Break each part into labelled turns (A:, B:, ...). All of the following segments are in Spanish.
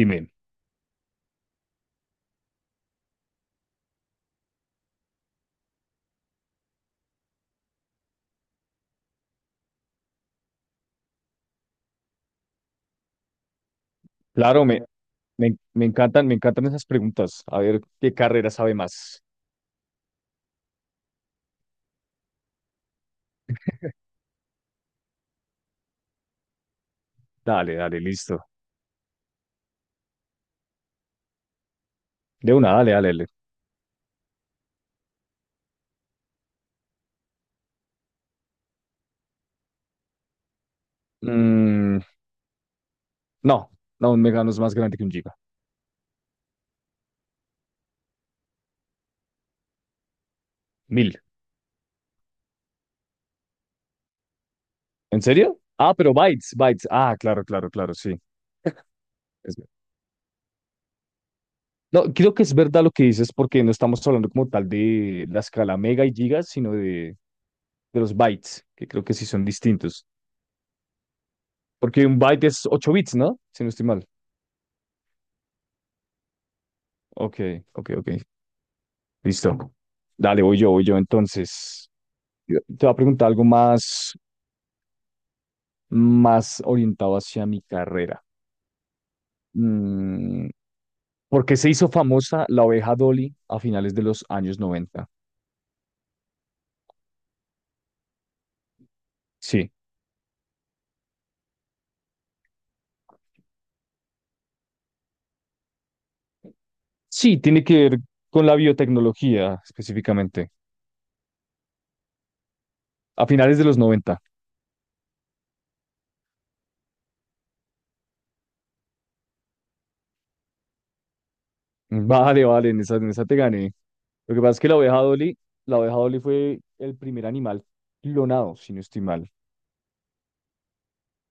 A: Dime. Claro, me encantan, me encantan esas preguntas. A ver qué carrera sabe más. Dale, dale, listo. De una, dale, dale, dale. Mm, no, no, un Megano es más grande que un Giga. Mil. ¿En serio? Ah, pero bytes, bytes. Ah, claro, claro, claro, sí. Es ver- No, creo que es verdad lo que dices porque no estamos hablando como tal de la escala mega y gigas, sino de los bytes, que creo que sí son distintos. Porque un byte es 8 bits, ¿no? Si no estoy mal. Ok, ok, ok. Listo. Dale, voy yo entonces. Yo te voy a preguntar algo más, más orientado hacia mi carrera. Mm, ¿Por qué se hizo famosa la oveja Dolly a finales de los años 90? Sí, sí, tiene que ver con la biotecnología específicamente. A finales de los 90. Vale, vale, en esa te gané. Lo que pasa es que la oveja Dolly fue el primer animal clonado, si no estoy mal.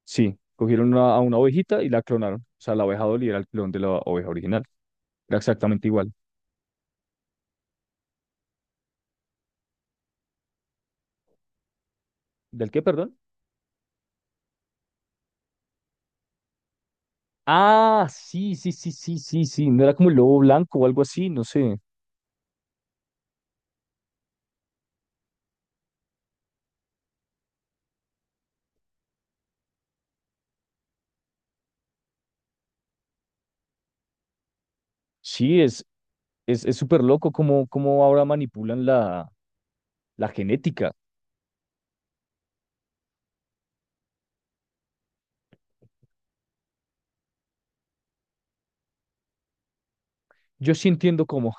A: Sí, cogieron a una ovejita y la clonaron. O sea, la oveja Dolly era el clon de la oveja original. Era exactamente igual. ¿Del qué, perdón? Ah, sí, sí, sí, sí, sí, sí. No era como el lobo blanco o algo así, no sé. Sí, es, es súper loco cómo, cómo ahora manipulan la, la genética. Yo sí entiendo cómo.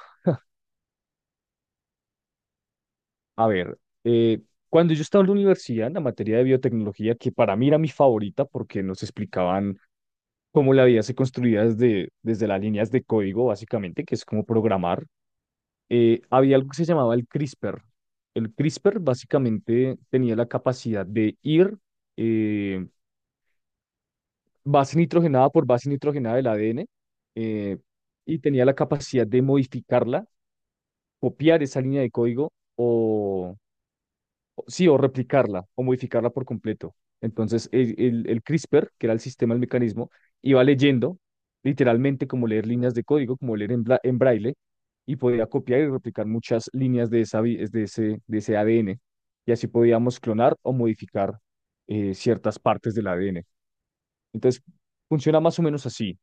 A: A ver, eh, cuando yo estaba en la universidad, en la materia de biotecnología, que para mí era mi favorita porque nos explicaban cómo la vida se construía desde, desde las líneas de código, básicamente, que es como programar, había algo que se llamaba el CRISPR. El CRISPR básicamente tenía la capacidad de ir... eh, base nitrogenada por base nitrogenada del ADN, eh, y tenía la capacidad de modificarla, copiar esa línea de código o, sí, o replicarla o modificarla por completo. Entonces, el, el CRISPR, que era el sistema, el mecanismo, iba leyendo literalmente como leer líneas de código, como leer en, en braille, y podía copiar y replicar muchas líneas de, esa, de ese ADN. Y así podíamos clonar o modificar ciertas partes del ADN. Entonces, funciona más o menos así.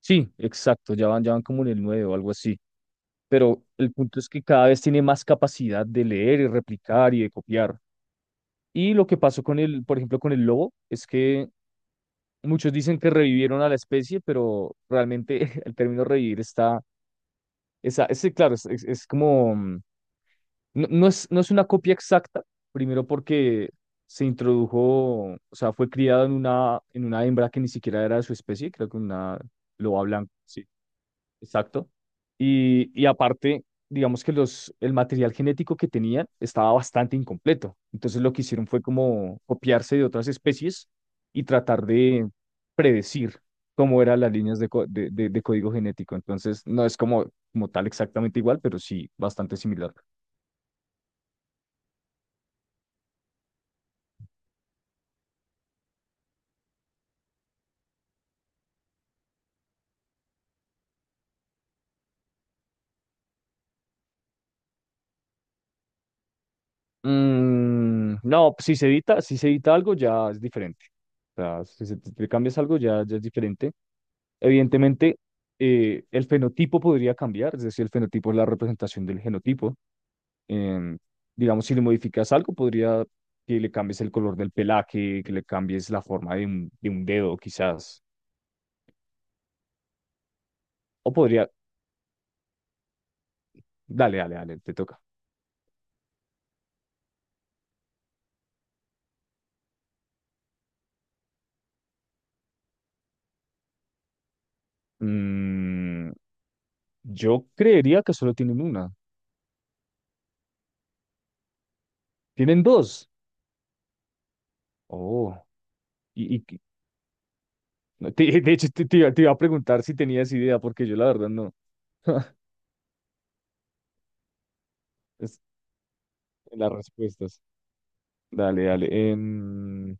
A: Sí, exacto, ya van como en el 9 o algo así. Pero el punto es que cada vez tiene más capacidad de leer y replicar y de copiar. Y lo que pasó con el, por ejemplo, con el lobo, es que muchos dicen que revivieron a la especie, pero realmente el término revivir está, esa, ese, claro, es, es como, no, no es, no es una copia exacta, primero porque se introdujo, o sea, fue criado en una hembra que ni siquiera era de su especie, creo que una loba blanca, sí. Exacto. Y aparte, digamos que los, el material genético que tenían estaba bastante incompleto. Entonces lo que hicieron fue como copiarse de otras especies y tratar de predecir cómo eran las líneas de, de, de código genético. Entonces no es como, como tal exactamente igual, pero sí bastante similar. No, pues, si se edita, si se edita algo ya es diferente. O sea, si le cambias algo ya, ya es diferente. Evidentemente, el fenotipo podría cambiar, es decir, el fenotipo es la representación del genotipo. Em, digamos, si le modificas algo, podría que le cambies el color del pelaje, que le cambies la forma de un dedo, quizás. O podría, dale, dale, dale, te toca. Mm, yo creería que solo tienen una. Tienen dos. Oh, y, no, de hecho te, te iba a preguntar si tenías idea, porque yo la verdad no. Es las respuestas. Dale, dale.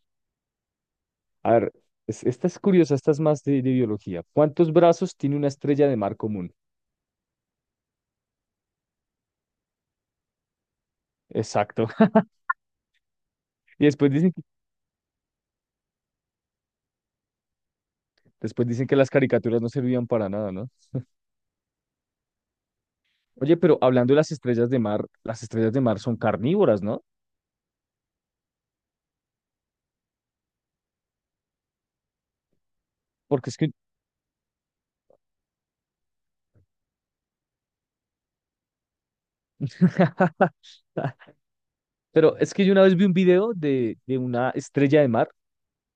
A: A ver, esta es curiosa, esta es más de biología. ¿Cuántos brazos tiene una estrella de mar común? Exacto. Y después dicen, después dicen que las caricaturas no servían para nada, ¿no? Oye, pero hablando de las estrellas de mar, las estrellas de mar son carnívoras, ¿no? Porque es que... Pero es que yo una vez vi un video de una estrella de mar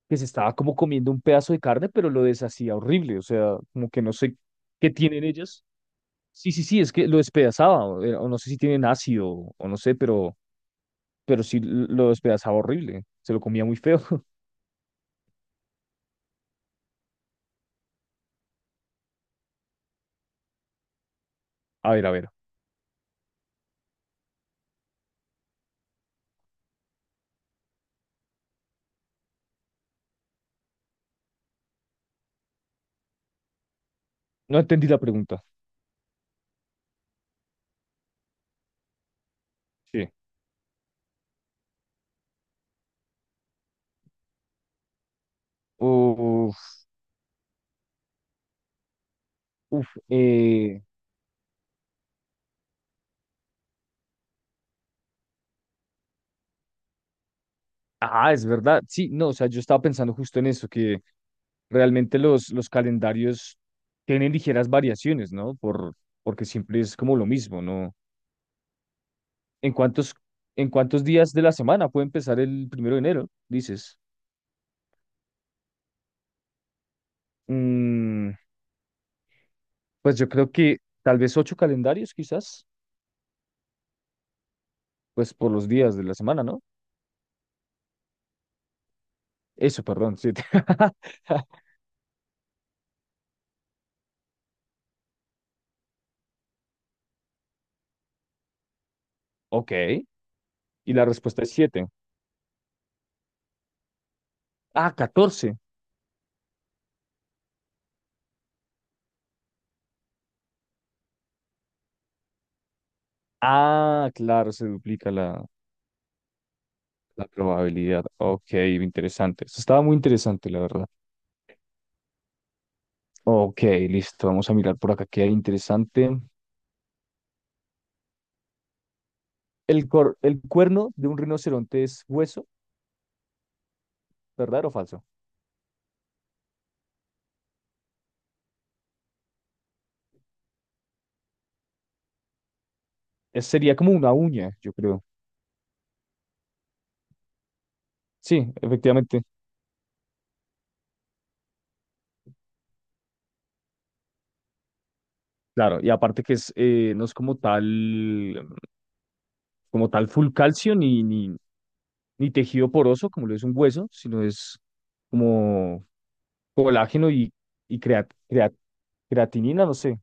A: que se estaba como comiendo un pedazo de carne, pero lo deshacía horrible. O sea, como que no sé qué tienen ellas. Sí, sí, sí, es que lo despedazaba. O, o no sé si tienen ácido o no sé, pero sí lo despedazaba horrible, se lo comía muy feo. A ver, no entendí la pregunta. Sí. Uf, uf, ah, es verdad, sí, no, o sea, yo estaba pensando justo en eso, que realmente los calendarios tienen ligeras variaciones, ¿no? Por, porque siempre es como lo mismo, ¿no? ¿En cuántos, en cuántos días de la semana puede empezar el primero de enero, dices? Mm, pues yo creo que tal vez ocho calendarios, quizás, pues por los días de la semana, ¿no? Eso, perdón, sí. Ok. Y la respuesta es 7. Ah, 14. Ah, claro, se duplica la, la probabilidad. Ok, interesante. Eso estaba muy interesante, la verdad. Ok, listo. Vamos a mirar por acá qué hay interesante. El, el cuerno de un rinoceronte es hueso, ¿verdadero o falso? Sería como una uña, yo creo. Sí, efectivamente. Claro, y aparte que es, no es como tal full calcio ni, ni, ni tejido poroso, como lo es un hueso, sino es como colágeno y creatinina, no sé.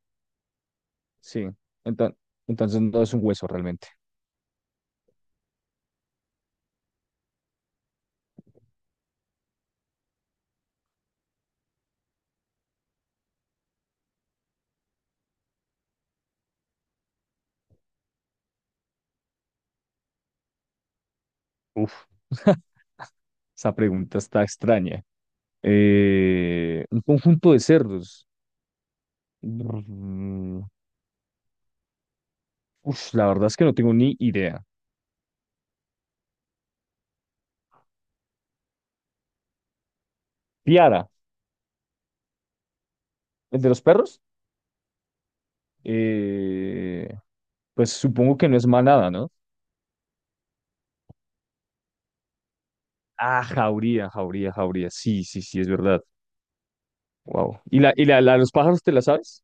A: Sí. Entonces, entonces no es un hueso realmente. Uf, esa pregunta está extraña. Un conjunto de cerdos. Mm, Uf, la verdad es que no tengo ni idea. Piara, ¿el de los perros? Eh, pues supongo que no es manada, ¿no? Ah, jauría, jauría, jauría. Sí, sí, sí, es verdad. Wow. Y la, la de los pájaros te la sabes?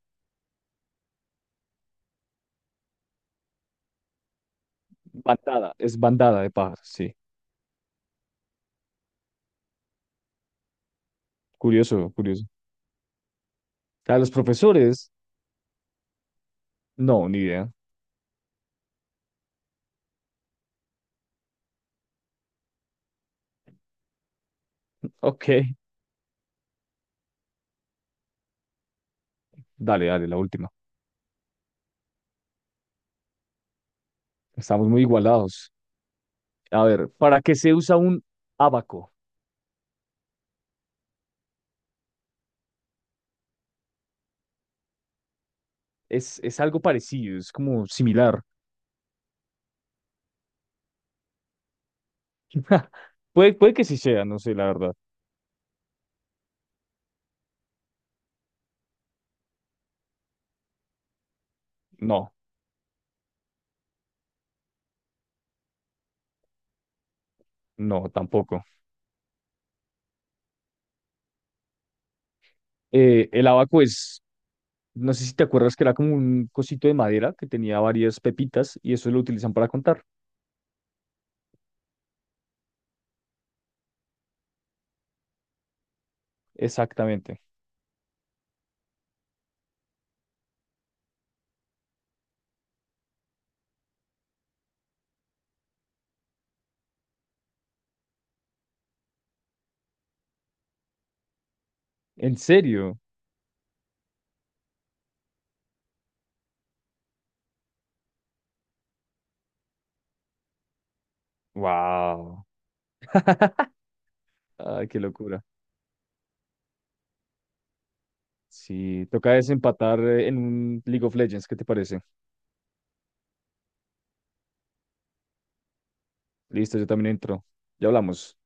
A: Bandada, es bandada de pájaros, sí. Curioso, curioso. A los profesores, no, ni idea. Ok, dale, dale, la última. Estamos muy igualados. A ver, ¿para qué se usa un abaco? Es algo parecido, es como similar. Puede, puede que sí sea, no sé, la verdad. No, no, tampoco. El abaco es, no sé si te acuerdas que era como un cosito de madera que tenía varias pepitas y eso lo utilizan para contar. Exactamente. ¿En serio? Wow. Ay, qué locura. Sí, toca desempatar en un League of Legends, ¿qué te parece? Listo, yo también entro. Ya hablamos.